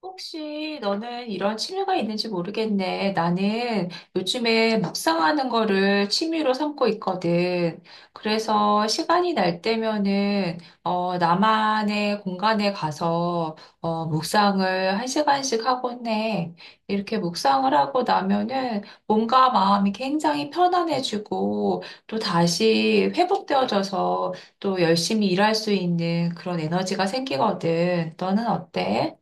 혹시 너는 이런 취미가 있는지 모르겠네. 나는 요즘에 묵상하는 거를 취미로 삼고 있거든. 그래서 시간이 날 때면은, 나만의 공간에 가서, 묵상을 한 시간씩 하곤 해. 이렇게 묵상을 하고 나면은 몸과 마음이 굉장히 편안해지고 또 다시 회복되어져서 또 열심히 일할 수 있는 그런 에너지가 생기거든. 너는 어때?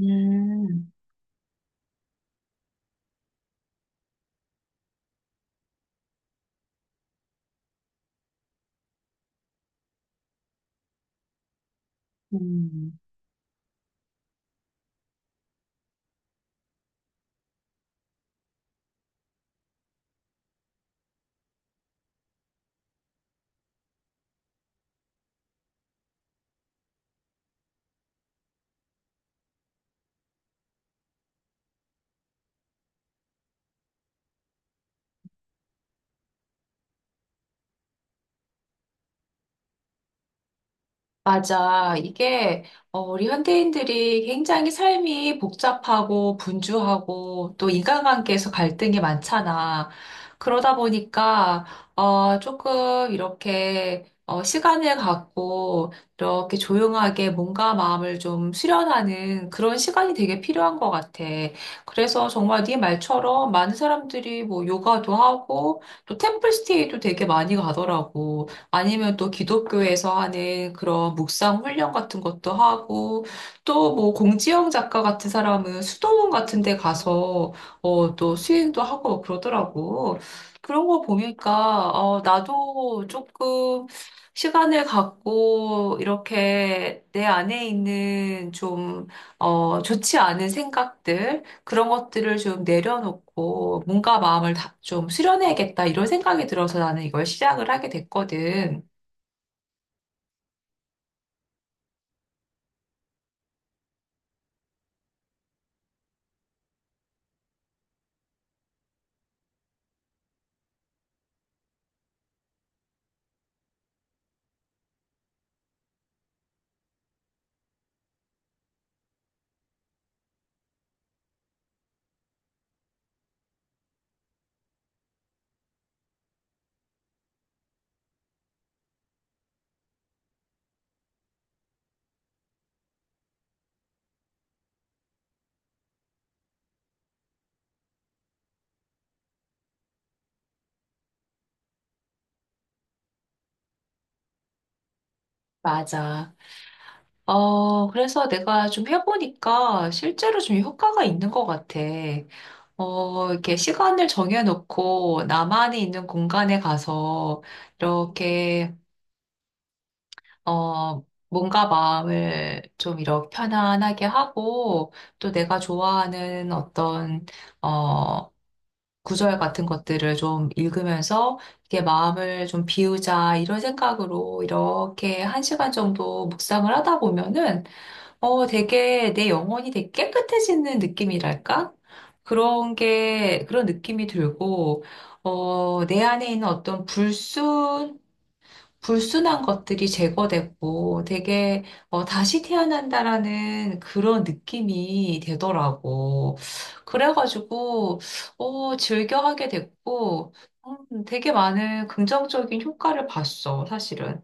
음. 음. 맞아. 이게 우리 현대인들이 굉장히 삶이 복잡하고 분주하고 또 인간관계에서 갈등이 많잖아. 그러다 보니까 조금 이렇게 시간을 갖고 이렇게 조용하게 몸과 마음을 좀 수련하는 그런 시간이 되게 필요한 것 같아. 그래서 정말 네 말처럼 많은 사람들이 뭐 요가도 하고 또 템플스테이도 되게 많이 가더라고. 아니면 또 기독교에서 하는 그런 묵상 훈련 같은 것도 하고 또 뭐 공지영 작가 같은 사람은 수도원 같은 데 가서 또 수행도 하고 막 그러더라고. 그런 거 보니까 나도 조금 시간을 갖고 이렇게 내 안에 있는 좀 좋지 않은 생각들 그런 것들을 좀 내려놓고 뭔가 마음을 다, 좀 수련해야겠다 이런 생각이 들어서 나는 이걸 시작을 하게 됐거든. 맞아. 그래서 내가 좀 해보니까 실제로 좀 효과가 있는 것 같아. 이렇게 시간을 정해놓고 나만이 있는 공간에 가서 이렇게, 어, 뭔가 마음을 좀 이렇게 편안하게 하고 또 내가 좋아하는 어떤, 어, 구절 같은 것들을 좀 읽으면서 이게 마음을 좀 비우자 이런 생각으로 이렇게 한 시간 정도 묵상을 하다 보면은 되게 내 영혼이 되게 깨끗해지는 느낌이랄까? 그런 게 그런 느낌이 들고 어 내 안에 있는 어떤 불순한 것들이 제거되고 되게 다시 태어난다라는 그런 느낌이 되더라고. 그래가지고 즐겨하게 됐고 되게 많은 긍정적인 효과를 봤어, 사실은.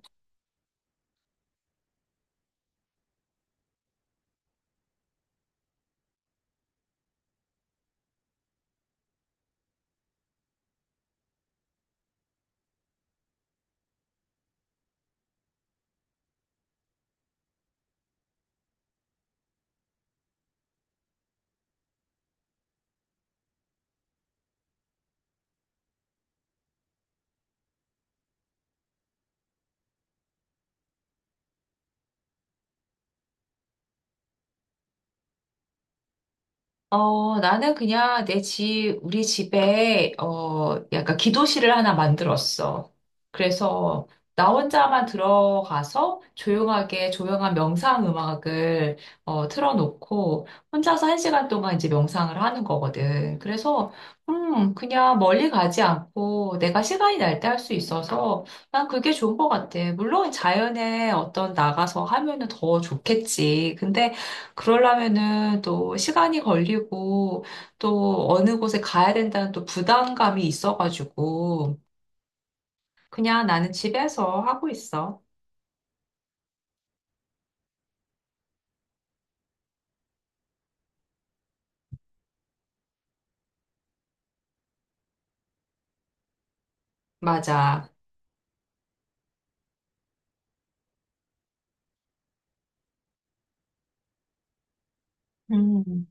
나는 그냥 내 집, 우리 집에, 약간 기도실을 하나 만들었어. 그래서 나 혼자만 들어가서 조용하게 조용한 명상 음악을 틀어놓고 혼자서 한 시간 동안 이제 명상을 하는 거거든. 그래서, 그냥 멀리 가지 않고 내가 시간이 날 때 할 수 있어서 난 그게 좋은 것 같아. 물론 자연에 어떤 나가서 하면은 더 좋겠지. 근데 그러려면은 또 시간이 걸리고 또 어느 곳에 가야 된다는 또 부담감이 있어가지고 그냥 나는 집에서 하고 있어. 맞아. 음.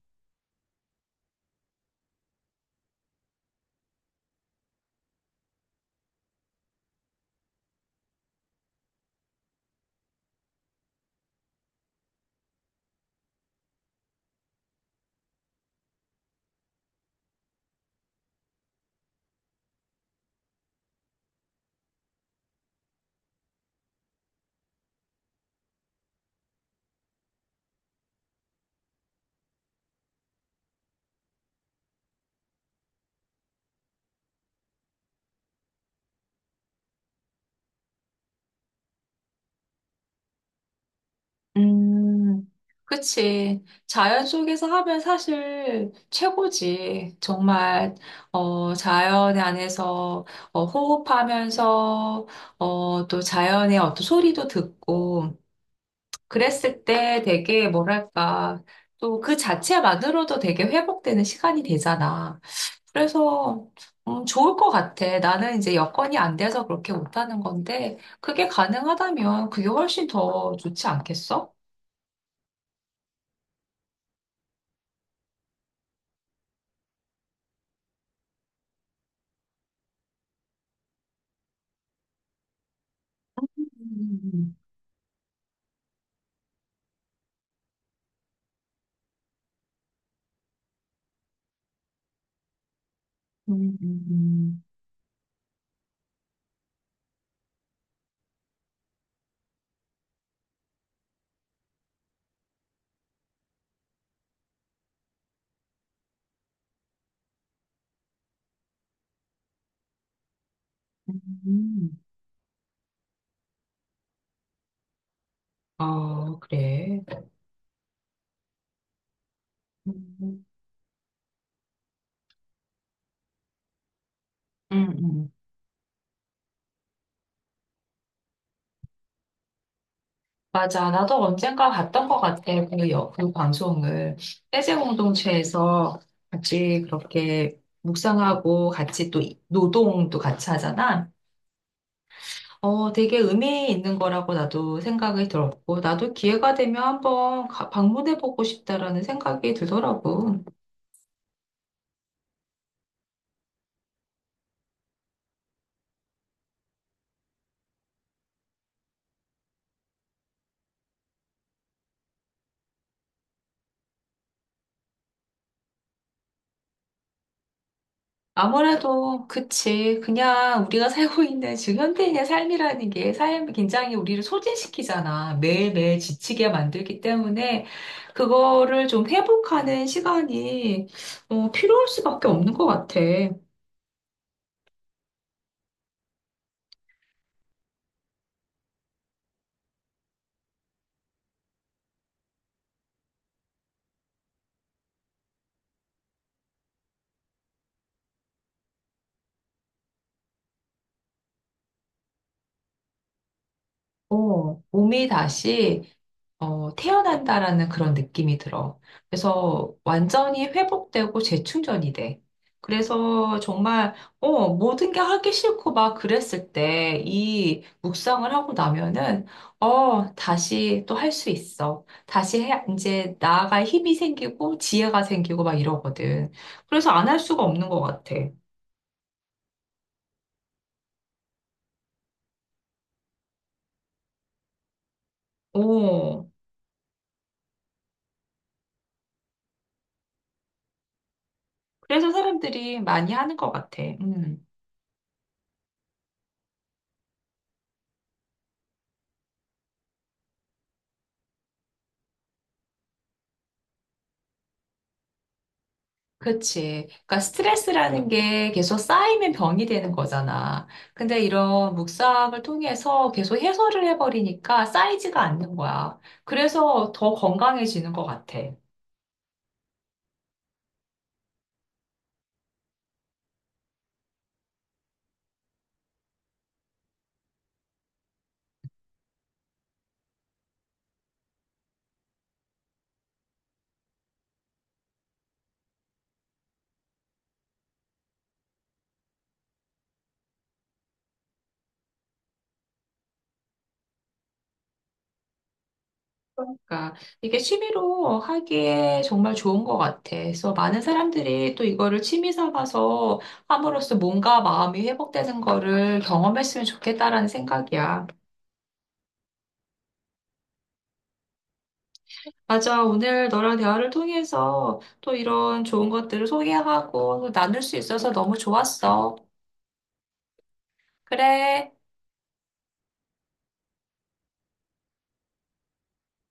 음. 그치. 자연 속에서 하면 사실 최고지. 정말, 자연 안에서 호흡하면서, 또 자연의 어떤 소리도 듣고, 그랬을 때 되게 뭐랄까, 또 그 자체만으로도 되게 회복되는 시간이 되잖아. 그래서, 좋을 것 같아. 나는 이제 여건이 안 돼서 그렇게 못하는 건데, 그게 가능하다면 그게 훨씬 더 좋지 않겠어? 음. 음. 음. 음. 음. 아, 그래. 음. 음. 음. 맞아. 나도 언젠가 봤던 것 같아. 그 방송을. 세제 공동체에서 같이 그렇게 묵상하고 같이 또 노동도 같이 하잖아. 되게 의미 있는 거라고 나도 생각이 들었고, 나도 기회가 되면 한번 방문해보고 싶다라는 생각이 들더라고. 아무래도 그치. 그냥 우리가 살고 있는 지금 현대인의 삶이라는 게 삶이 굉장히 우리를 소진시키잖아. 매일매일 지치게 만들기 때문에 그거를 좀 회복하는 시간이 필요할 수밖에 없는 것 같아. 몸이 다시 태어난다라는 그런 느낌이 들어. 그래서 완전히 회복되고 재충전이 돼. 그래서 정말 모든 게 하기 싫고 막 그랬을 때 이 묵상을 하고 나면은 다시 또 할 수 있어. 다시 해, 이제 나아갈 힘이 생기고 지혜가 생기고 막 이러거든. 그래서 안 할 수가 없는 것 같아. 오. 그래서 사람들이 많이 하는 것 같아. 음. 그치. 그러니까 스트레스라는 게 계속 쌓이면 병이 되는 거잖아. 근데 이런 묵상을 통해서 계속 해소를 해버리니까 쌓이지가 않는 거야. 그래서 더 건강해지는 것 같아. 그러니까 이게 취미로 하기에 정말 좋은 것 같아. 그래서 많은 사람들이 또 이거를 취미 삼아서 함으로써 몸과 마음이 회복되는 거를 경험했으면 좋겠다라는 생각이야. 맞아. 오늘 너랑 대화를 통해서 또 이런 좋은 것들을 소개하고 나눌 수 있어서 너무 좋았어. 그래.